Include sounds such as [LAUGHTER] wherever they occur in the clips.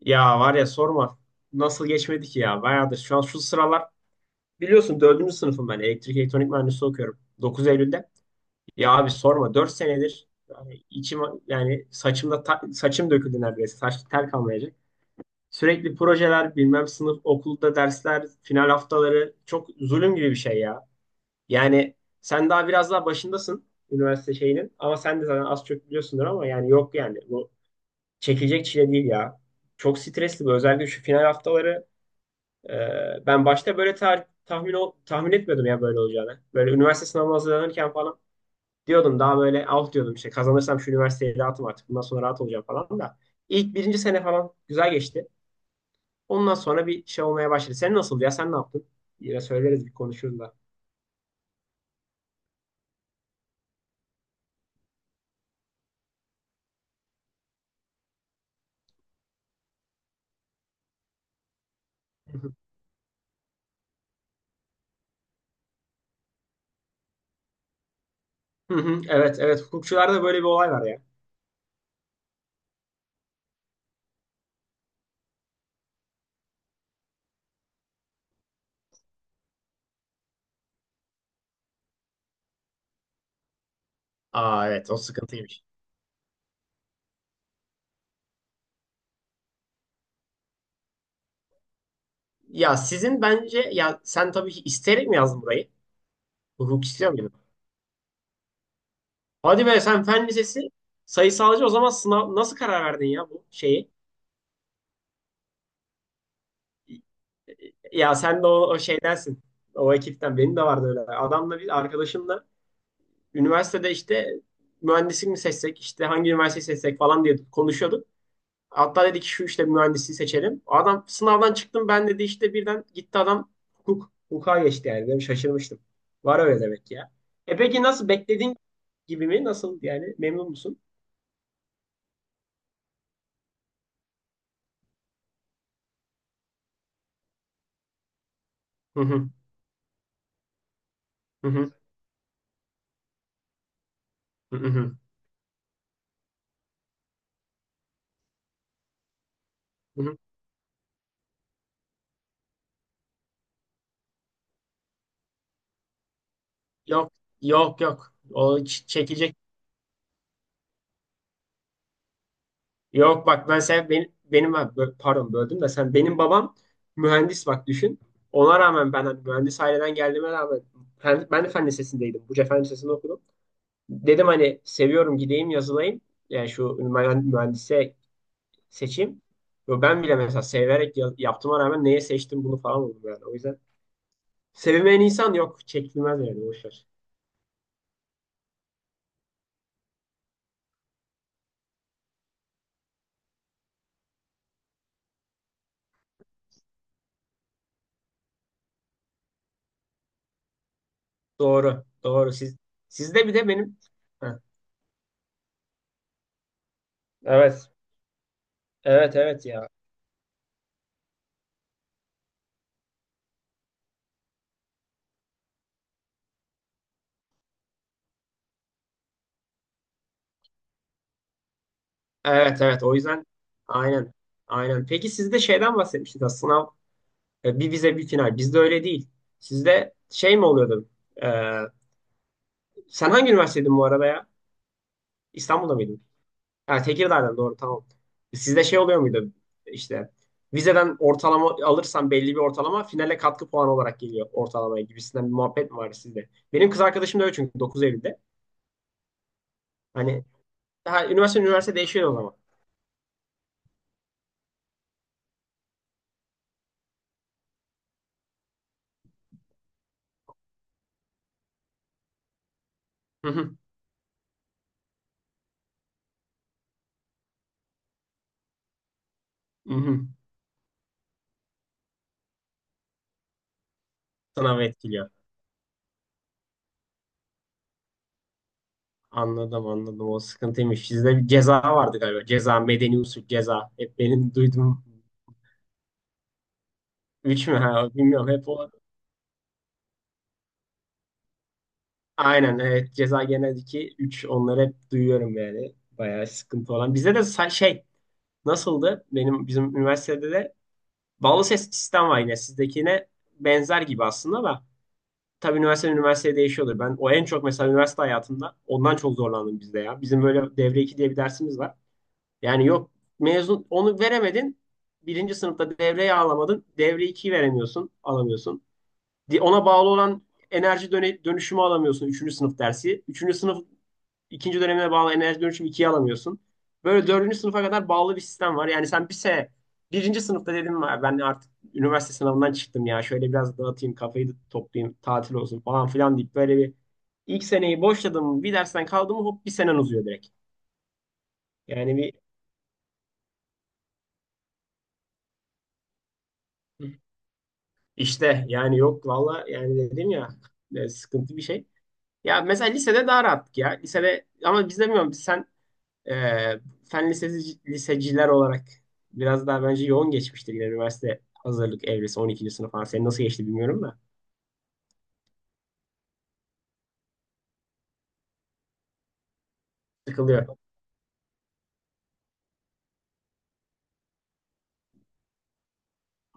Ya var ya sorma. Nasıl geçmedi ki ya? Bayağıdır. Şu an şu sıralar biliyorsun dördüncü sınıfım ben. Elektrik elektronik mühendisliği okuyorum. 9 Eylül'de. Ya abi sorma. 4 senedir yani içim, yani saçımda saçım döküldü neredeyse. Saç tel kalmayacak. Sürekli projeler, bilmem sınıf, okulda dersler, final haftaları çok zulüm gibi bir şey ya. Yani sen daha biraz daha başındasın üniversite şeyinin, ama sen de zaten az çok biliyorsundur. Ama yani yok yani bu çekilecek çile değil ya. Çok stresli bu, özellikle şu final haftaları. Ben başta böyle tahmin tahmin etmiyordum ya böyle olacağını. Böyle üniversite sınavına hazırlanırken falan diyordum, daha böyle alt diyordum işte, kazanırsam şu üniversiteyi rahatım artık, bundan sonra rahat olacağım falan da. İlk birinci sene falan güzel geçti. Ondan sonra bir şey olmaya başladı. Sen nasıldı ya, sen ne yaptın? Yine söyleriz, bir konuşuruz da. Hı hı. [LAUGHS] Evet, evet, hukukçularda böyle bir olay var ya. Aa, evet, o sıkıntıymış. Ya sizin bence, ya sen tabii ki isteyerek mi yazdın burayı? Hukuk istiyor. Hadi be sen fen lisesi sayısalcı, o zaman sınav nasıl karar verdin ya bu şeyi? Ya sen de o şeydensin. O ekipten benim de vardı öyle. Adamla, bir arkadaşımla üniversitede işte mühendislik mi seçsek, işte hangi üniversiteyi seçsek falan diye konuşuyorduk. Hatta dedi ki şu işte mühendisliği seçelim. Adam sınavdan çıktım ben dedi, işte birden gitti adam hukuk. Hukuka geçti yani. Ben şaşırmıştım. Var öyle demek ki ya. E peki, nasıl, beklediğin gibi mi? Nasıl yani, memnun musun? Hı hı. Hı hı. Hı hı. Hı hı. Yok, yok, yok. O çekecek. Yok bak, ben sen benim pardon, böldüm de, sen benim babam mühendis bak, düşün. Ona rağmen ben, hani mühendis aileden geldiğime rağmen, ben de fen lisesindeydim. Buca Fen Lisesi'nde okudum. Dedim hani seviyorum, gideyim yazılayım. Yani şu mühendise seçeyim. Yo, ben bile mesela severek yaptığıma rağmen neye seçtim bunu falan oldum yani. O yüzden sevilmeyen insan yok. Çekilmez yani, boşver. Doğru. Doğru. Siz, sizde bir de benim. Heh, evet. Evet, evet ya. Evet, evet, o yüzden aynen, aynen. Peki sizde şeyden bahsetmiştiniz aslında, sınav, bir vize bir final. Bizde öyle değil. Sizde şey mi oluyordu? E, sen hangi üniversitedin bu arada ya? İstanbul'da mıydın? Ha, Tekirdağ'dan, doğru, tamam. Sizde şey oluyor muydu? İşte vizeden ortalama alırsan belli bir ortalama finale katkı puanı olarak geliyor ortalamaya gibisinden bir muhabbet mi var sizde? Benim kız arkadaşım da öyle, çünkü Dokuz Eylül'de. Hani daha üniversite üniversite değişiyor o zaman. Hı hı. Hı hı. Sınav etkiliyor. Anladım, anladım, o sıkıntıymış. Sizde bir ceza vardı galiba. Ceza, medeni usul, ceza. Hep benim duyduğum. Üç mü? [LAUGHS] Ha, bilmiyorum, hep o. Aynen, evet, ceza geneldeki üç, onları hep duyuyorum yani. Bayağı sıkıntı olan. Bizde de şey nasıldı? Benim, bizim üniversitede de bağlı ses sistem var yine, sizdekine benzer gibi aslında, ama tabii üniversite üniversiteye değişiyordur. Ben o en çok mesela üniversite hayatımda ondan çok zorlandım bizde ya. Bizim böyle devre 2 diye bir dersimiz var. Yani yok, mezun, onu veremedin. Birinci sınıfta devreyi alamadın. Devre ikiyi veremiyorsun. Alamıyorsun. Ona bağlı olan enerji dönüşümü alamıyorsun. Üçüncü sınıf dersi. Üçüncü sınıf ikinci dönemine bağlı enerji dönüşümü 2'yi alamıyorsun. Böyle dördüncü sınıfa kadar bağlı bir sistem var. Yani sen bir sene, birinci sınıfta dedim, "Ya, ben artık üniversite sınavından çıktım ya. Şöyle biraz dağıtayım kafayı da toplayayım, tatil olsun falan filan," deyip böyle bir ilk seneyi boşladım, bir dersten kaldım, hop bir senen uzuyor direkt. Yani bir. İşte yani yok valla, yani dedim ya, sıkıntı bir şey. Ya mesela lisede daha rahattık ya. Lisede ama, biz de bilmiyorum, biz sen, e, fen lisesi, liseciler olarak biraz daha bence yoğun geçmiştir yine üniversite hazırlık evresi, 12. sınıf falan. Senin nasıl geçti bilmiyorum da. Sıkılıyor.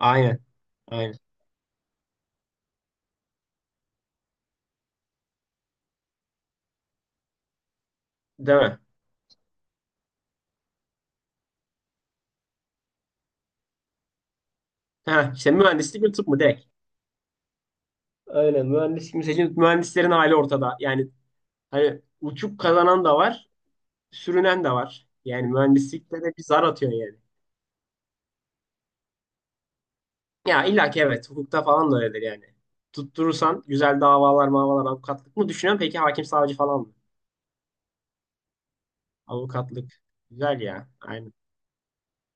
Aynen. Aynen. Değil mi? Ha, işte mühendislik mi, tıp mı? Direkt. Aynen, mühendislik mi? Mühendislerin hali ortada. Yani hani, uçup kazanan da var, sürünen de var. Yani mühendislikte de bir zar atıyor yani. Ya illa ki, evet, hukukta falan da öyledir yani. Tutturursan güzel davalar mavalar. Avukatlık mı düşünüyorsun? Peki hakim, savcı falan mı? Avukatlık. Güzel ya. Aynen.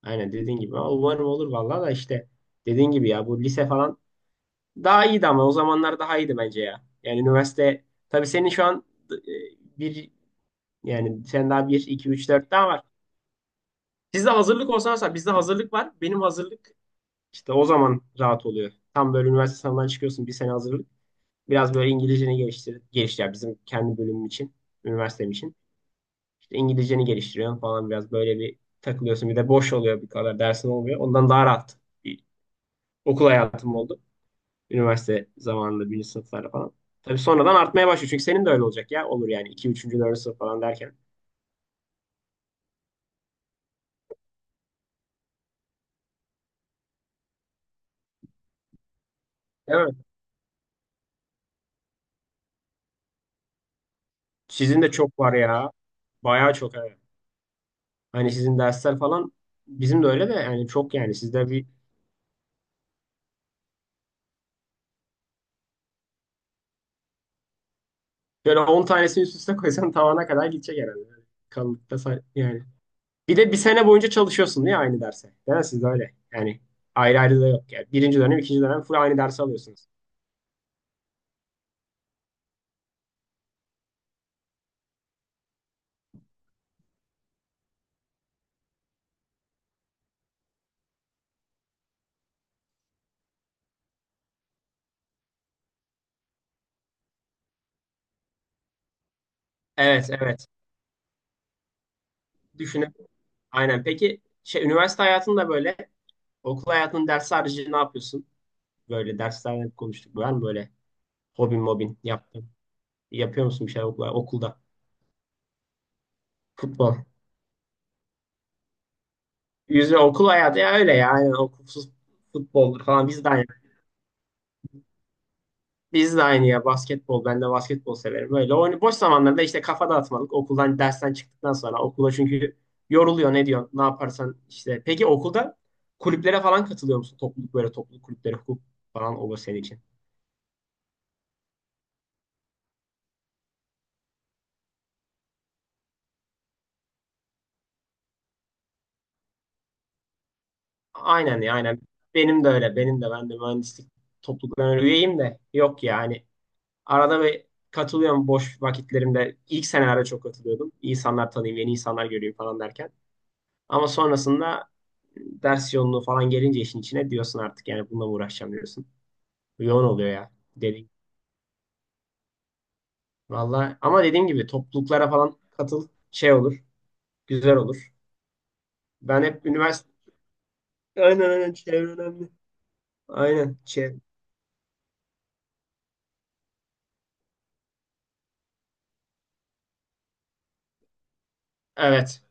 Aynen dediğin gibi. Ama umarım olur vallahi. Da işte dediğin gibi ya, bu lise falan daha iyiydi, ama o zamanlar daha iyiydi bence ya. Yani üniversite, tabii senin şu an bir, yani sen daha 1, 2, 3, 4 daha var. Sizde hazırlık olsa mesela, bizde hazırlık var. Benim hazırlık işte, o zaman rahat oluyor. Tam böyle üniversite sınavından çıkıyorsun, bir sene hazırlık. Biraz böyle İngilizceni geliştir, geliştir yani bizim kendi bölümüm için, üniversitem için. İşte İngilizceni geliştiriyorsun falan, biraz böyle bir takılıyorsun. Bir de boş oluyor, bir kadar dersin olmuyor. Ondan daha rahat bir okul hayatım oldu. Üniversite zamanında, birinci sınıflarda falan. Tabii sonradan artmaya başlıyor. Çünkü senin de öyle olacak ya. Olur yani iki, 3. 4. sınıf falan derken. Evet. Sizin de çok var ya. Bayağı çok, evet. Hani sizin dersler falan, bizim de öyle de, yani çok yani sizde, bir böyle 10 tanesini üst üste koysan tavana kadar gidecek herhalde. Yani kalınlıkta yani. Bir de bir sene boyunca çalışıyorsun değil mi aynı derse? Değil mi, sizde öyle? Yani ayrı ayrı da yok yani. Birinci dönem, ikinci dönem full aynı dersi alıyorsunuz. Evet, evet. Düşünün. Aynen. Peki şey, üniversite hayatında böyle okul hayatının dersi harici ne yapıyorsun? Böyle derslerden konuştuk. Var mı böyle hobin mobin yaptın? Yapıyor musun bir şeyler okula, okulda? Futbol. Yüzme, okul hayatı ya öyle ya. Aynen, okulsuz futboldur falan, biz de aynı. Biz de aynı ya, basketbol. Ben de basketbol severim. Öyle oyun boş zamanlarda işte, kafa dağıtmalık. Okuldan, dersten çıktıktan sonra okula, çünkü yoruluyor, ne diyorsun, ne yaparsan işte. Peki okulda kulüplere falan katılıyor musun? Topluluk, böyle topluluk kulüpleri, hukuk falan olur senin için. Aynen ya, aynen. Benim de öyle. Benim de, ben de mühendislik topluluklarına üyeyim de, yok yani. Arada bir katılıyorum boş vakitlerimde. İlk senelerde çok katılıyordum. İnsanlar tanıyayım, yeni insanlar göreyim falan derken. Ama sonrasında ders yoğunluğu falan gelince işin içine, diyorsun artık yani bununla mı uğraşacağım diyorsun. Yoğun oluyor ya, dediğim. Vallahi ama dediğim gibi, topluluklara falan katıl, şey olur. Güzel olur. Ben hep üniversite, aynen, aynen, çevre önemli. Aynen, çevre. Evet.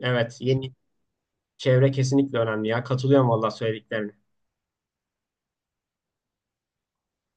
Evet. Yeni çevre kesinlikle önemli ya. Katılıyorum vallahi söylediklerine.